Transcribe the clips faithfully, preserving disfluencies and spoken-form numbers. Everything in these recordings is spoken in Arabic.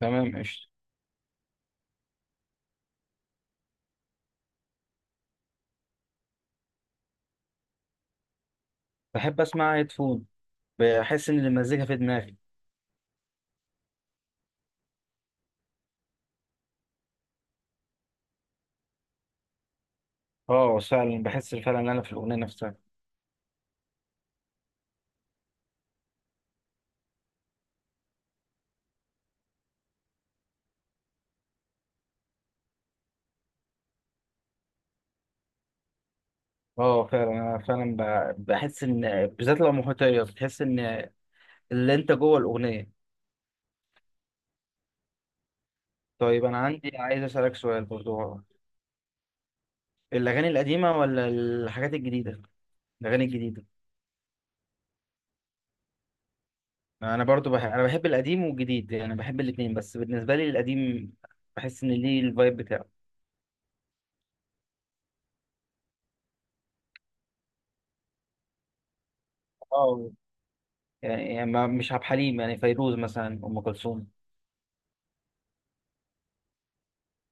تمام، قشطة. بحب أسمع هيدفون، بحس إن المزيكا في دماغي. اه، فعلا بحس فعلا إن أنا في الأغنية نفسها. اه فعلا أنا فعلا ب- بحس إن بالذات لو محيطية بتحس إن اللي أنت جوه الأغنية. طيب أنا عندي، عايز أسألك سؤال برضو. الأغاني القديمة ولا الحاجات الجديدة؟ الأغاني الجديدة. أنا برضو بحب، أنا بحب القديم والجديد، يعني بحب الاتنين، بس بالنسبة لي القديم بحس إن ليه الفايب بتاعه. اه يعني يعني ما- مش عبد الحليم، يعني فيروز مثلا، أم كلثوم.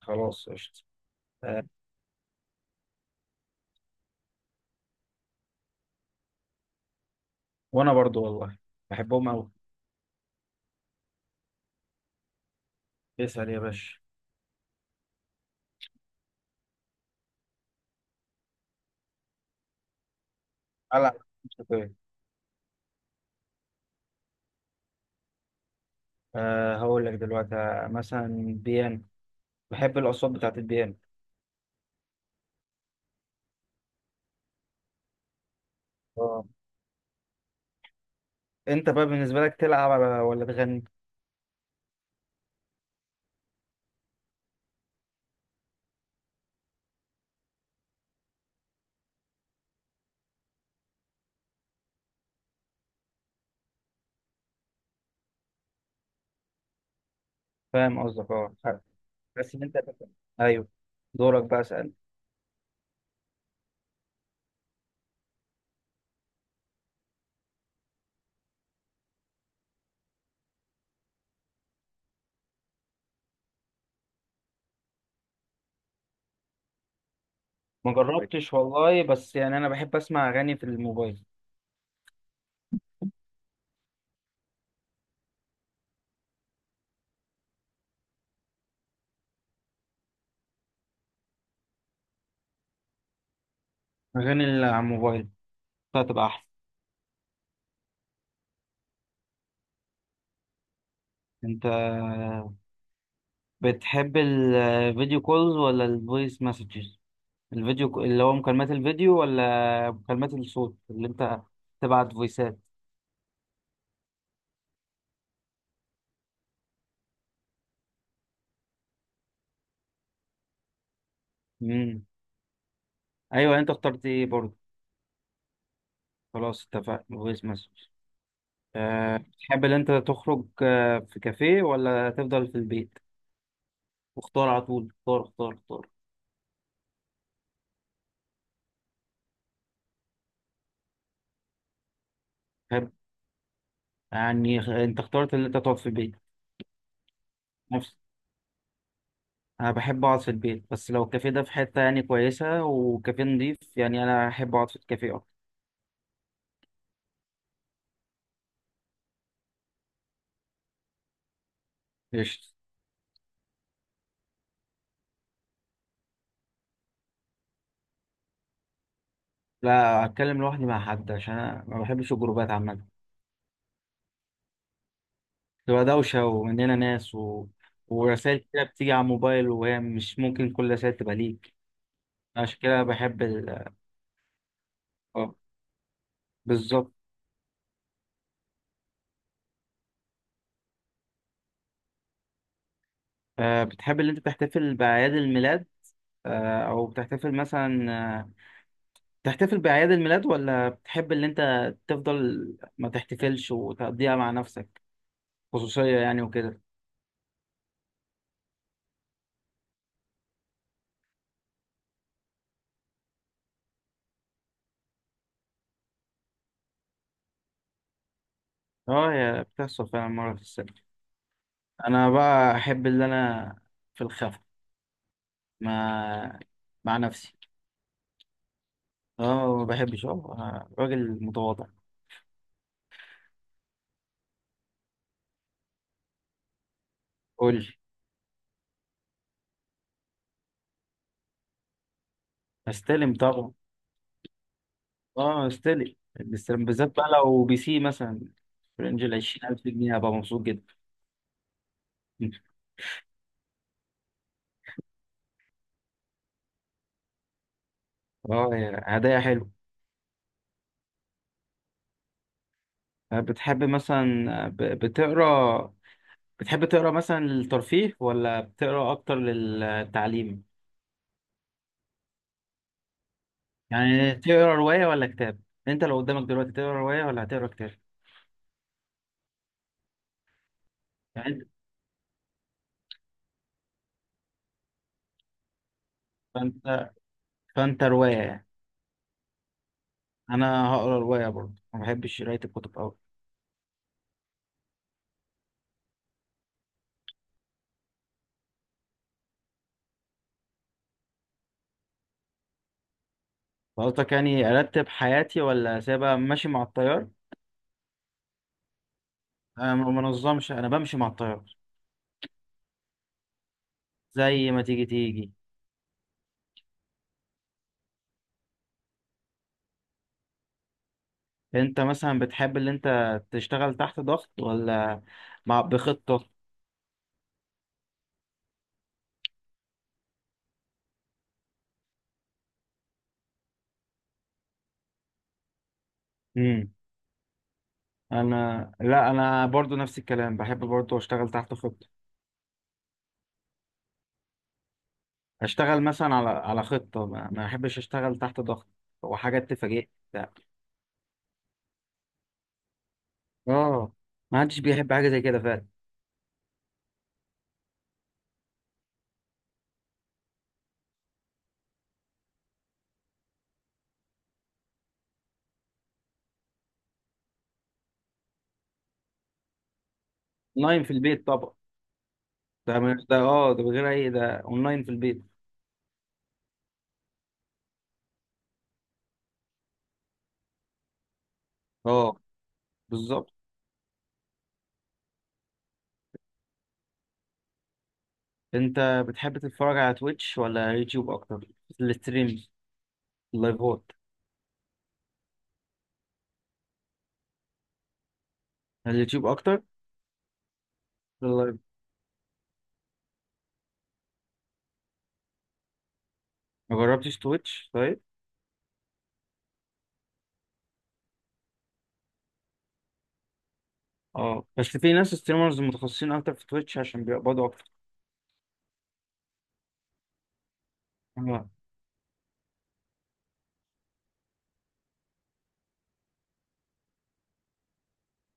خلاص قشطة. آه، وانا برضو والله بحبهم قوي. اسال يا باشا. على موسيقية. أه هقول لك دلوقتي، آه، مثلا بيانو، بحب الأصوات بتاعت البيانو. اه. أنت بقى بالنسبة لك، تلعب على ولا تغني؟ فاهم قصدك، أه. بس إن أنت تفهم. أيوه. دورك بقى، اسأل. ما جربتش والله، بس يعني أنا بحب أسمع أغاني في الموبايل. أغاني اللي على الموبايل هتبقى أحسن. أنت بتحب الفيديو كولز ولا الفويس مسجز؟ الفيديو ك- اللي هو مكالمات الفيديو ولا مكالمات الصوت، اللي انت تبعت فويسات. امم، ايوه، انت اخترت ايه برضه؟ خلاص، اتفقنا فويس مسج. أه، بتحب ان انت تخرج، آه، في كافيه، ولا تفضل في البيت؟ واختار على طول، اختار اختار اختار. بحب، يعني خ- انت اخترت ان انت تقعد في البيت. نفس، انا بحب اقعد في البيت، بس لو الكافيه ده في حته يعني كويسه، وكافيه نضيف، يعني انا احب اقعد في الكافيه اكتر. قشطة. لا، اتكلم لوحدي مع حد، عشان انا ما بحبش الجروبات عامه. تبقى دوشة، ومننا ناس، و... ورسائل كده بتيجي على الموبال، وهي مش ممكن كل رسائل تبقى ليك. عشان كده بحب ال... اه، بالظبط. آه، بتحب اللي انت تحتفل بأعياد الميلاد، آه او بتحتفل مثلا، آه، تحتفل بأعياد الميلاد، ولا بتحب اللي انت تفضل ما تحتفلش، وتقضيها مع نفسك خصوصية يعني وكده؟ اه، هي بتحصل فعلا مرة في السنة. انا بقى احب اللي انا في الخفا، مع، مع نفسي. اه ما بحبش، اه، أنا راجل متواضع. قول لي. استلم طبعا. اه استلم. استلم بالذات بقى لو بي سي مثلا في رينج ال عشرين ألف جنيه، هبقى مبسوط جدا. اه، يا هدايا حلو. بتحب مثلا، ب- بتقرا، بتحب تقرا مثلا للترفيه ولا بتقرا اكتر للتعليم؟ يعني تقرا رواية ولا كتاب؟ انت لو قدامك دلوقتي، تقرا رواية ولا هتقرا كتاب؟ يعني انت- فانت، فانت رواية يعني. انا هقرا رواية برضه، ما بحبش قراية الكتب أوي. قصدك يعني ارتب حياتي، ولا سيبها ماشي مع التيار؟ انا ما منظمش، انا بمشي مع التيار. زي ما تيجي تيجي. انت مثلا بتحب اللي انت تشتغل تحت ضغط، ولا مع بخطة؟ امم، انا لا، انا برضو نفس الكلام، بحب برضو اشتغل تحت خطة. اشتغل مثلا على، على خطة، ما ما احبش اشتغل تحت ضغط وحاجات تفاجئ. لا. اه، ما حدش بيحب حاجة زي كده فعلا. اونلاين في البيت طبعا. ده من- ده اه ده بغير اي، ده اونلاين في البيت. اه، بالظبط. انت بتحب تتفرج على تويتش ولا يوتيوب اكتر؟ الستريم، اللايفات. اليوتيوب اكتر. اللايف. ما جربتش تويتش طيب. اه، بس في ناس ستريمرز متخصصين اكتر في تويتش عشان بيقبضوا اكتر. اه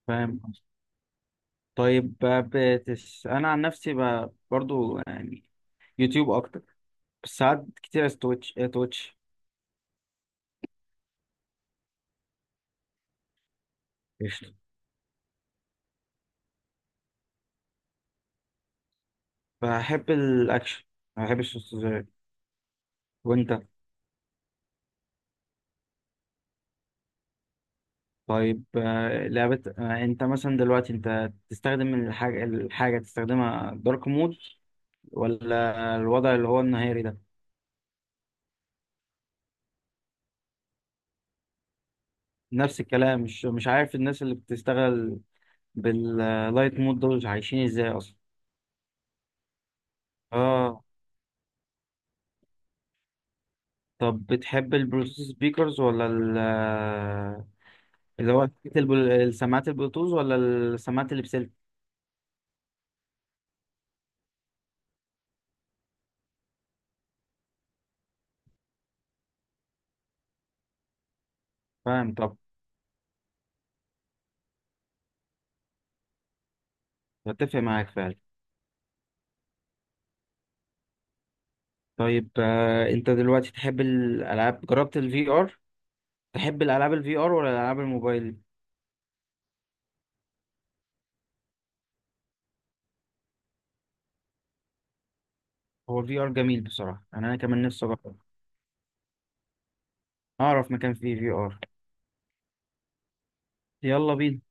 فاهم. طيب، ب- بتس... انا عن نفسي، ب... برضو يعني يوتيوب اكتر، بس ساعات كتير تويتش، اه تويتش. قشطة. بحب الاكشن، ما بحبش السوشيال. وانت؟ طيب، آه، لعبة، آه، انت مثلا دلوقتي انت تستخدم الحاجة الحاجة تستخدمها دارك مود، ولا الوضع اللي هو النهاري ده؟ نفس الكلام، مش مش عارف الناس اللي بتشتغل باللايت مود دول عايشين ازاي اصلا. اه. طب بتحب البلوتوث سبيكرز، ولا ال- آه، اللي هو الب- السماعات البلوتوث، ولا السماعات اللي بسلك؟ فاهم. طب بتفق معاك فعلا. طيب، آه، انت دلوقتي تحب الالعاب، جربت الفي ار؟ تحب الالعاب الفي ار، ولا الالعاب الموبايل؟ هو الفي ار جميل بصراحه، يعني انا كمان نفسي اجرب. اعرف مكان فيه في ار. يلا بينا.